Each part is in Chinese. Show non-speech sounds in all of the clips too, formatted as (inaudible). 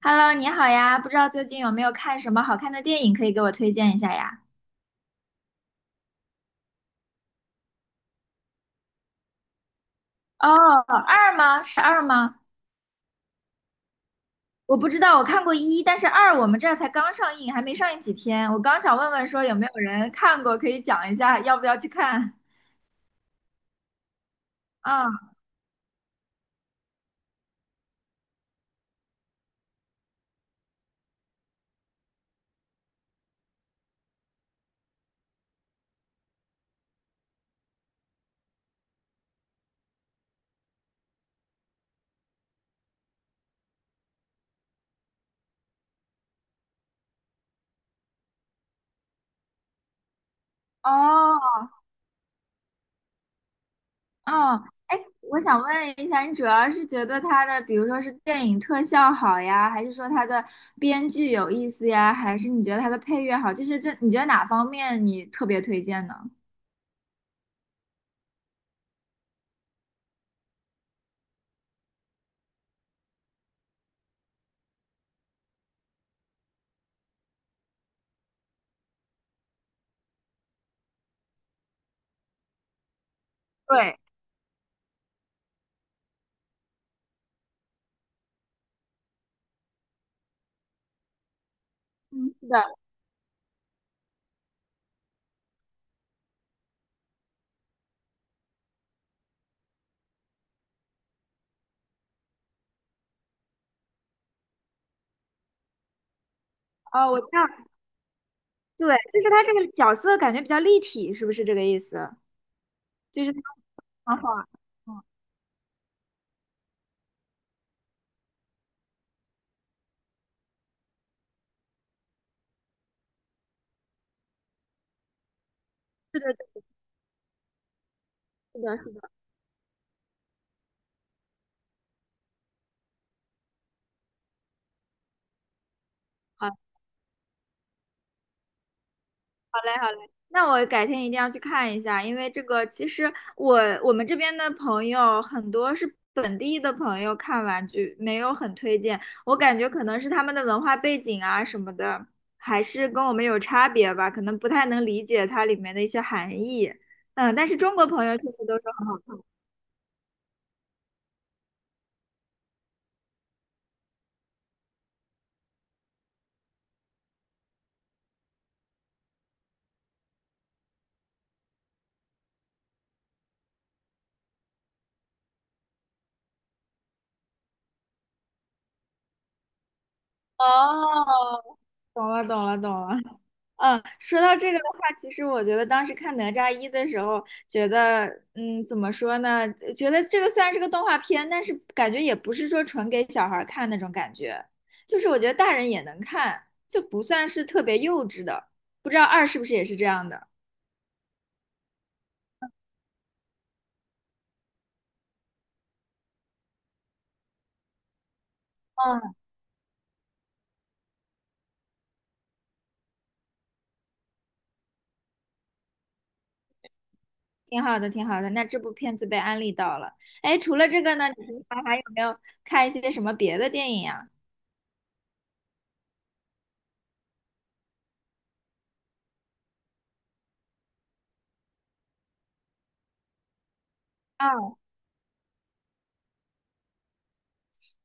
Hello，你好呀，不知道最近有没有看什么好看的电影可以给我推荐一下呀？哦，二吗？是二吗？我不知道，我看过一，但是二我们这儿才刚上映，还没上映几天。我刚想问问说有没有人看过，可以讲一下要不要去看？啊，哦，哦，哎，我想问一下，你主要是觉得它的，比如说是电影特效好呀，还是说它的编剧有意思呀，还是你觉得它的配乐好？就是这，你觉得哪方面你特别推荐呢？对，嗯，是的。哦，我知道，对，就是他这个角色感觉比较立体，是不是这个意思？就是他很好玩，嗯，是的，是的，是的，好嘞，好嘞，那我改天一定要去看一下，因为这个其实我我们这边的朋友很多是本地的朋友看完具，没有很推荐，我感觉可能是他们的文化背景啊什么的，还是跟我们有差别吧，可能不太能理解它里面的一些含义，嗯，但是中国朋友确实都说很，好。哦，懂了，懂了，懂了。嗯，说到这个的话，其实我觉得当时看《哪吒一》的时候，觉得，嗯，怎么说呢？觉得这个虽然是个动画片，但是感觉也不是说纯给小孩儿看那种感觉，就是我觉得大人也能看，就不算是特别幼稚的。不知道二是不是也是这样的？嗯，挺好的，挺好的。那这部片子被安利到了。哎，除了这个呢，你平常还有没有看一些什么别的电影呀？啊，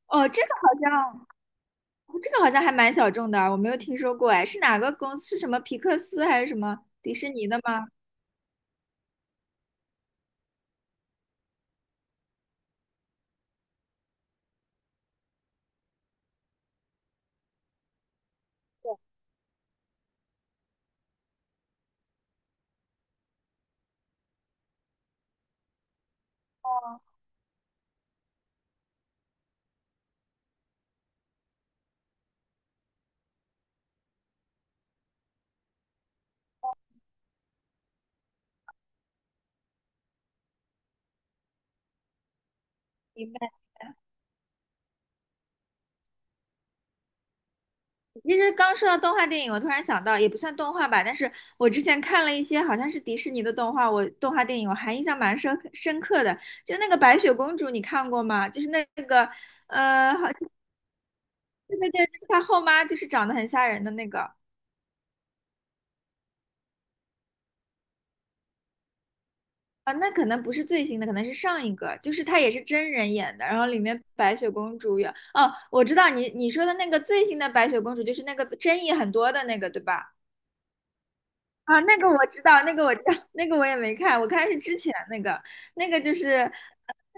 哦，这个好像。哦这个好像还蛮小众的，我没有听说过哎，是哪个公司？是什么皮克斯还是什么迪士尼的吗？哦，明白。其实刚说到动画电影，我突然想到，也不算动画吧，但是我之前看了一些好像是迪士尼的动画，我动画电影我还印象蛮深刻的，就那个白雪公主，你看过吗？就是那个好，对对对，就是她后妈，就是长得很吓人的那个。啊，那可能不是最新的，可能是上一个，就是它也是真人演的，然后里面白雪公主有，哦，我知道你你说的那个最新的白雪公主，就是那个争议很多的那个，对吧？啊，那个我知道，那个我知道，那个我也没看，我看是之前那个，那个就是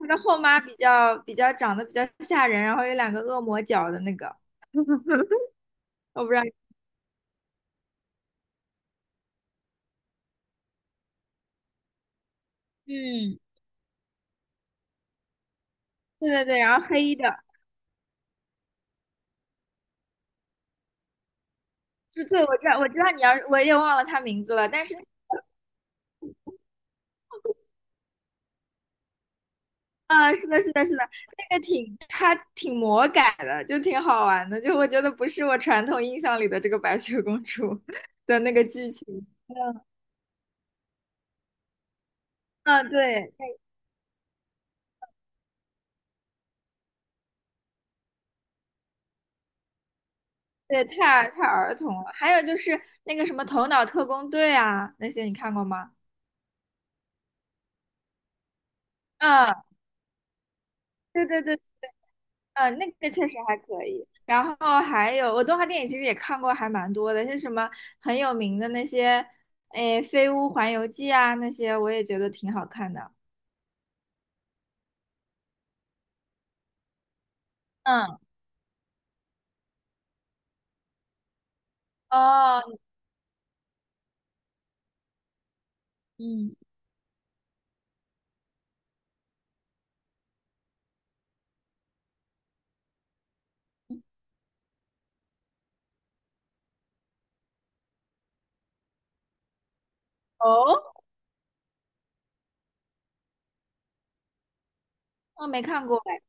那个后妈比较长得比较吓人，然后有两个恶魔角的那个，(laughs) 我不知道，嗯，对对对，然后黑的，就对，我知道我知道你要，我也忘了她名字了，但是。啊，是的，是的，是的，那个挺，它挺魔改的，就挺好玩的。就我觉得不是我传统印象里的这个白雪公主 (laughs) 的那个剧情。嗯，啊对，对，太儿童了。还有就是那个什么《头脑特工队》啊，那些你看过吗？嗯，对对对，嗯，那个确实还可以。然后还有我动画电影其实也看过还蛮多的，像什么很有名的那些，诶，《飞屋环游记》啊，那些我也觉得挺好看的。嗯，哦。嗯，哦，我没看过哎。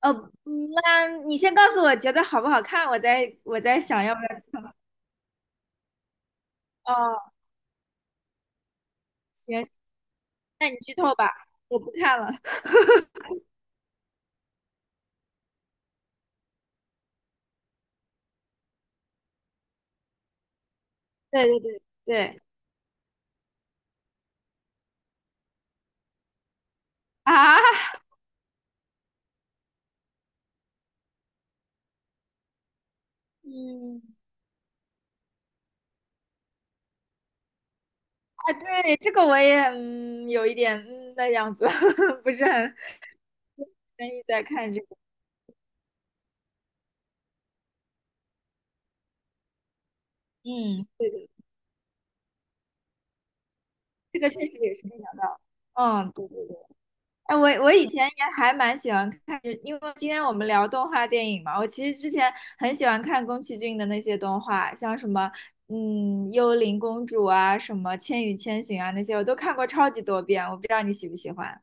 呃，嗯那你先告诉我觉得好不好看，我再想要不要。哦，行，那你剧透吧，我不看了。(laughs) 对对对对啊，嗯啊，对，这个我也有一点的样子，(laughs) 不是很愿意再看这个。嗯，对对，这个确实也是没想到。嗯，对对对。哎，我以前也还蛮喜欢看，因为今天我们聊动画电影嘛，我其实之前很喜欢看宫崎骏的那些动画，像什么《幽灵公主》啊，什么《千与千寻》啊那些，我都看过超级多遍。我不知道你喜不喜欢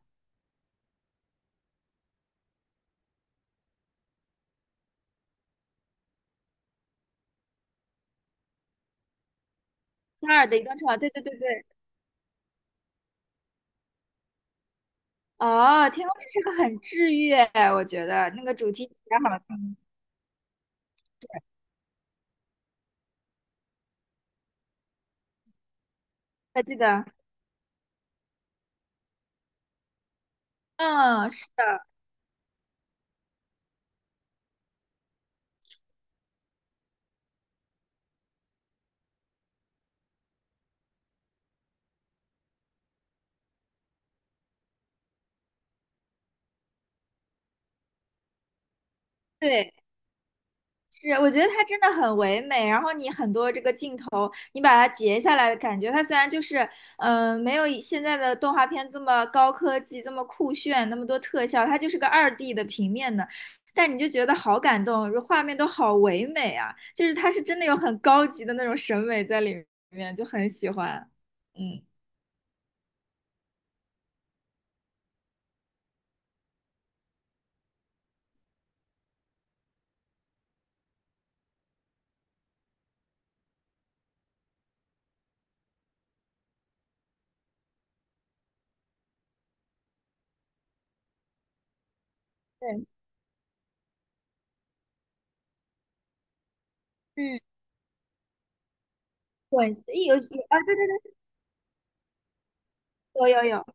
《哈尔的移动城堡》？对对对对，哦，《天空之城》很治愈，我觉得那个主题曲也好听，还记得？嗯，是的，对。是，我觉得它真的很唯美。然后你很多这个镜头，你把它截下来的感觉，它虽然就是，嗯、没有以现在的动画片这么高科技、这么酷炫、那么多特效，它就是个2D 的平面的，但你就觉得好感动，画面都好唯美啊！就是它是真的有很高级的那种审美在里面，就很喜欢。嗯，对，嗯，滚石有啊，对对对，有有有，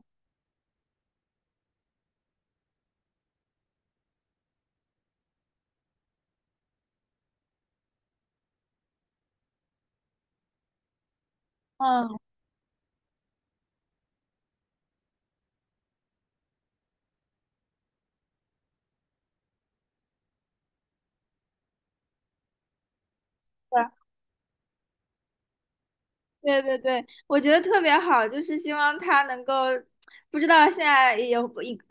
嗯，对对对对，我觉得特别好，就是希望他能够，不知道现在有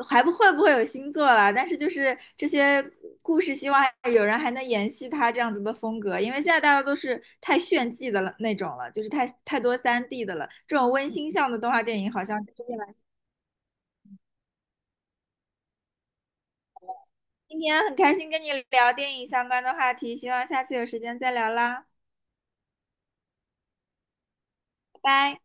还不会有新作了，但是就是这些故事，希望有人还能延续他这样子的风格，因为现在大家都是太炫技的了那种了，就是太多3D 的了，这种温馨向的动画电影好像就是越来越。今天很开心跟你聊电影相关的话题，希望下次有时间再聊啦，拜拜。